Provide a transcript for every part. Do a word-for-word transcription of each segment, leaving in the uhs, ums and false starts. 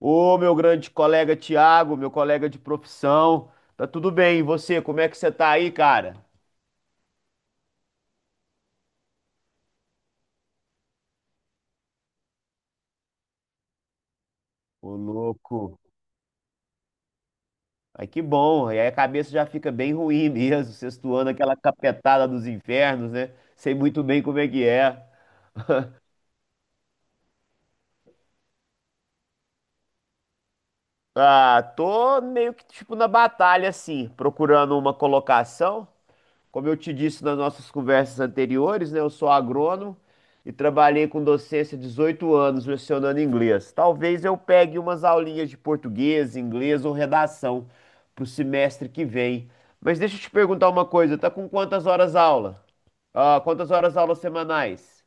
Ô, meu grande colega Tiago, meu colega de profissão. Tá tudo bem? E você, como é que você tá aí, cara? Ô, louco. Ai, que bom. E aí a cabeça já fica bem ruim mesmo, sextuando aquela capetada dos infernos, né? Sei muito bem como é que é. Ah, tô meio que tipo na batalha, assim, procurando uma colocação. Como eu te disse nas nossas conversas anteriores, né, eu sou agrônomo e trabalhei com docência dezoito anos lecionando inglês. Talvez eu pegue umas aulinhas de português, inglês ou redação para o semestre que vem. Mas deixa eu te perguntar uma coisa, tá com quantas horas aula? Ah, quantas horas aula semanais?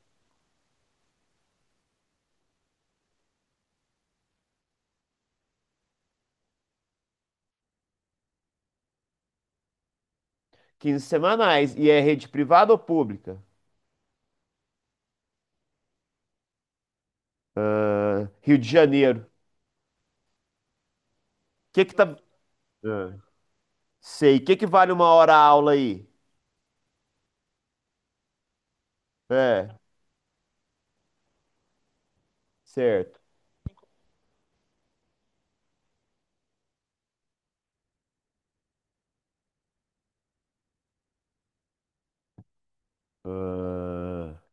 Quinze semanais. E é rede privada ou pública? Ah, Rio de Janeiro. O que que tá. Ah, sei. O que que vale uma hora aula aí? É, certo. Ah,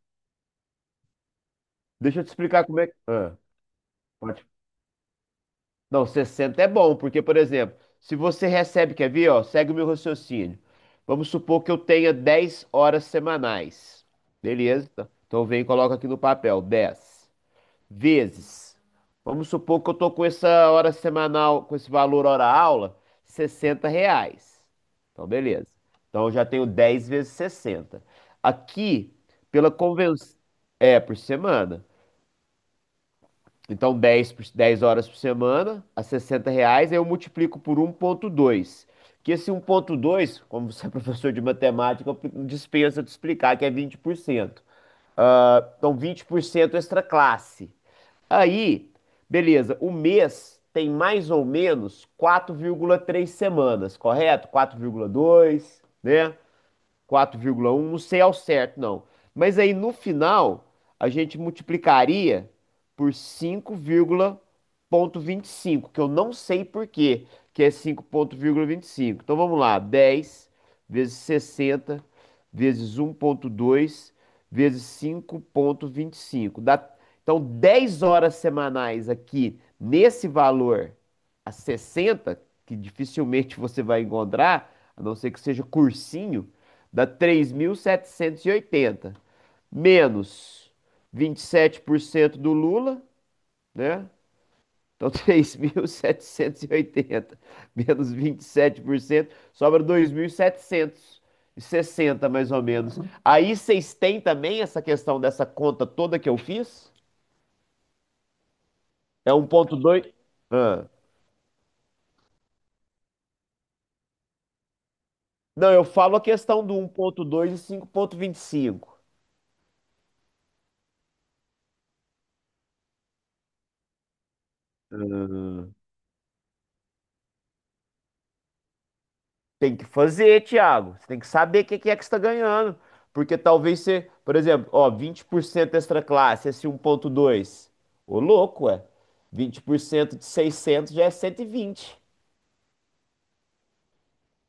deixa eu te explicar como é que. Ah, pode. Não, sessenta é bom, porque, por exemplo, se você recebe, quer ver, ó, segue o meu raciocínio. Vamos supor que eu tenha dez horas semanais. Beleza? Então então vem e coloca aqui no papel, dez vezes. Vamos supor que eu tô com essa hora semanal, com esse valor hora-aula, sessenta reais. Então, beleza. Então eu já tenho dez vezes sessenta. Aqui, pela convenção. É, por semana. Então, dez por- dez horas por semana, a sessenta reais, aí eu multiplico por um vírgula dois. Que esse um vírgula dois, como você é professor de matemática, eu dispensa de explicar, que é vinte por cento. Ah, então, vinte por cento extra classe. Aí, beleza, o mês tem mais ou menos quatro vírgula três semanas, correto? Quatro vírgula dois, né? quatro vírgula um, não sei ao certo, não. Mas aí no final, a gente multiplicaria por cinco vírgula vinte e cinco, que eu não sei por quê, que é cinco vírgula vinte e cinco. Então vamos lá, dez vezes sessenta vezes um vírgula dois vezes cinco vírgula vinte e cinco. Dá. Então, dez horas semanais aqui nesse valor a sessenta, que dificilmente você vai encontrar, a não ser que seja cursinho, dá três mil setecentos e oitenta. Menos vinte e sete por cento do Lula, né? Então, três mil setecentos e oitenta menos vinte e sete por cento, sobra dois mil setecentos e sessenta mais ou menos. Aí vocês têm também essa questão dessa conta toda que eu fiz? É um 1.2? Ah. Não, eu falo a questão do um ponto dois e cinco ponto vinte e cinco. Ah. Tem que fazer, Thiago. Você tem que saber o que que é que você está ganhando. Porque talvez você, por exemplo, ó, vinte por cento extra classe, esse um ponto dois. Ô, louco, ué. Vinte por cento de seiscentos já é cento e vinte.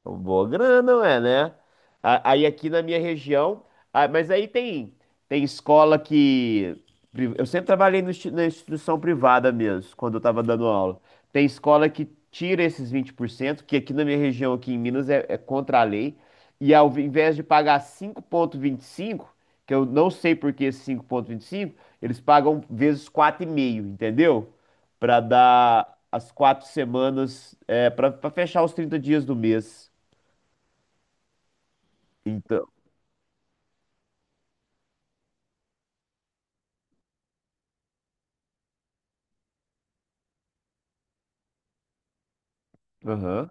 Boa grana, ué, né? A- Aí aqui na minha região, ah, mas aí tem tem escola que pri- eu sempre trabalhei no insti- na instituição privada mesmo, quando eu tava dando aula. Tem escola que tira esses vinte por cento, que aqui na minha região, aqui em Minas, é, é contra a lei. E ao invés de pagar cinco vírgula vinte e cinco, que eu não sei por que esse cinco vírgula vinte e cinco, eles pagam vezes quatro vírgula cinco, entendeu? Para dar as quatro semanas, é, para fechar os trinta dias do mês. Então, aham.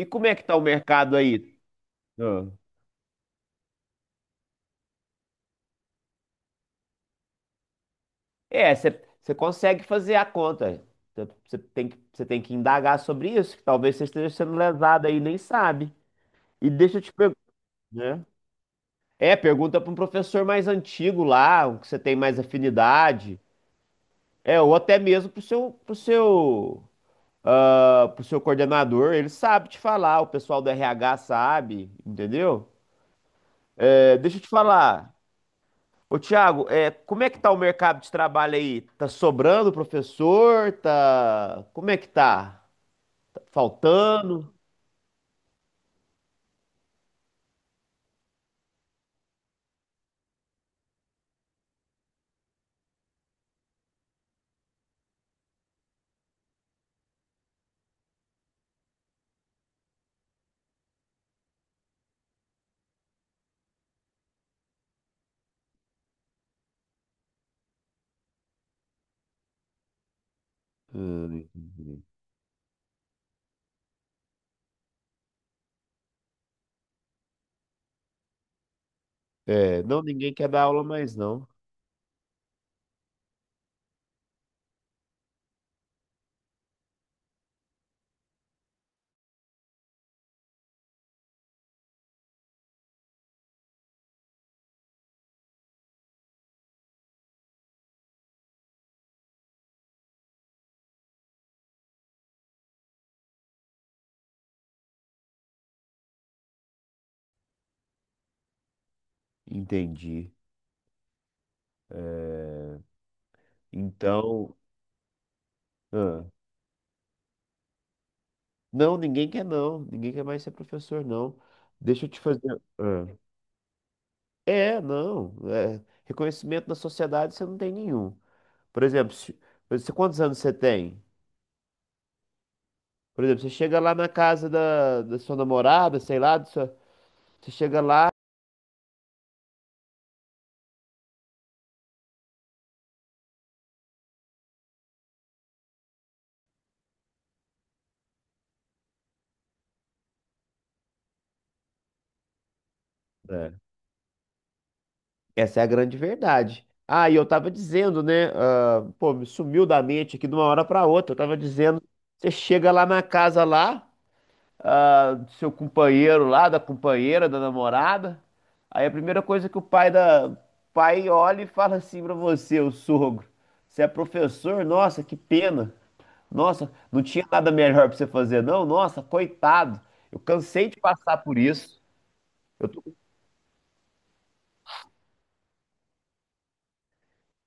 E como é que tá o mercado aí? Ah, é, você consegue fazer a conta. Você tem que, você tem que indagar sobre isso, que talvez você esteja sendo lesado aí, e nem sabe. E deixa eu te perguntar, né? É, pergunta para um professor mais antigo lá, o que você tem mais afinidade. É, ou até mesmo pro seu, pro seu, ah, pro seu coordenador, ele sabe te falar, o pessoal do R H sabe, entendeu? É, deixa eu te falar. Ô, Thiago, é, como é que tá o mercado de trabalho aí? Tá sobrando professor? Tá. Como é que tá? Tá faltando? Ah, entendi. É, não, ninguém quer dar aula mais, não. Entendi. É, então, ah, não, ninguém quer não. Ninguém quer mais ser professor, não. Deixa eu te fazer. Ah. É, não. É, reconhecimento na sociedade você não tem nenhum. Por exemplo, se- você, quantos anos você tem? Por exemplo, você chega lá na casa da, da sua namorada, sei lá, da sua- você chega lá. É. Essa é a grande verdade. Ah, e eu tava dizendo, né? Ah, pô, me sumiu da mente aqui de uma hora pra outra. Eu tava dizendo, você chega lá na casa lá, ah, do seu companheiro lá, da companheira, da namorada. Aí a primeira coisa que o pai da pai olha e fala assim pra você, o sogro, você é professor? Nossa, que pena. Nossa, não tinha nada melhor pra você fazer, não? Nossa, coitado. Eu cansei de passar por isso. Eu tô-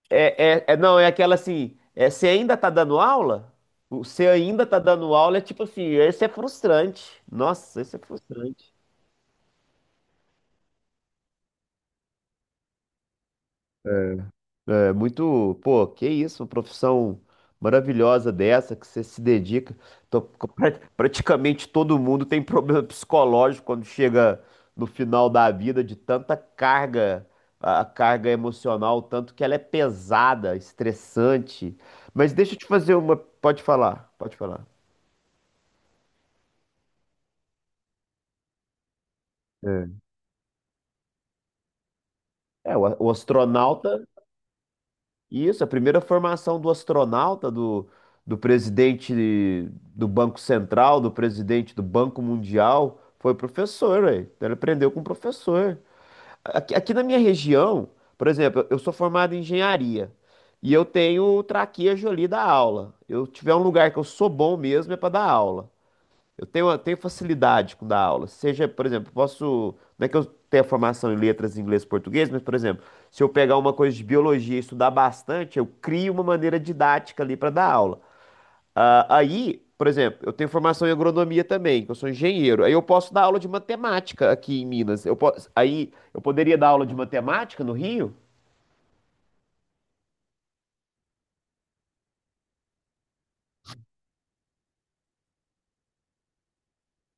É, é, é- não, é aquela assim, é, você ainda tá dando aula? Você ainda tá dando aula é tipo assim, esse é frustrante. Nossa, esse é frustrante. É muito, pô, que isso, uma profissão maravilhosa dessa que você se dedica. Então, pra- praticamente todo mundo tem problema psicológico quando chega no final da vida de tanta carga, a a carga emocional, tanto que ela é pesada, estressante. Mas deixa eu te fazer uma, pode falar, pode falar. É. É, o, a- o astronauta. Isso, a primeira formação do astronauta, do, do presidente do Banco Central, do presidente do Banco Mundial, foi professor, ué. Então ele aprendeu com o professor. Aqui, aqui na minha região, por exemplo, eu sou formado em engenharia e eu tenho o traquejo ali da aula. Eu tiver um lugar que eu sou bom mesmo é para dar aula. Eu tenho, eu tenho facilidade com dar aula. Seja, por exemplo, posso. Não é que eu tenha formação em letras, inglês e português, mas, por exemplo, se eu pegar uma coisa de biologia e estudar bastante, eu crio uma maneira didática ali para dar aula. Ah, aí, por exemplo, eu tenho formação em agronomia também, que eu sou engenheiro. Aí eu posso dar aula de matemática aqui em Minas. Eu posso, aí eu poderia dar aula de matemática no Rio?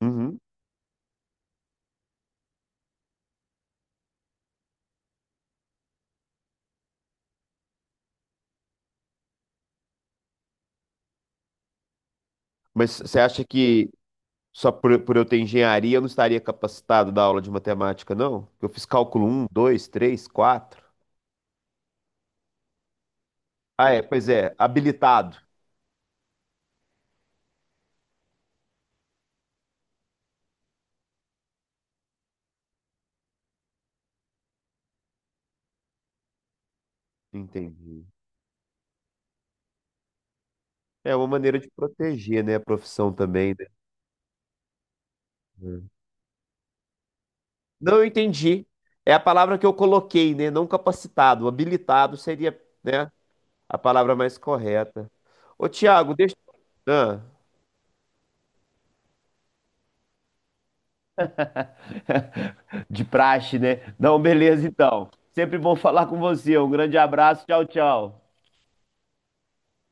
Uhum. Mas você acha que Só por, por eu ter engenharia, eu não estaria capacitado da aula de matemática, não? Eu fiz cálculo um, dois, três, quatro. Ah, é, pois é, habilitado. Entendi. É uma maneira de proteger, né, a profissão também, né? Hum. Não, eu entendi. É a palavra que eu coloquei, né? Não capacitado. Habilitado seria, né, a palavra mais correta. Ô, Tiago, deixa. Ah, de praxe, né? Não, beleza, então. Sempre bom falar com você. Um grande abraço. Tchau, tchau.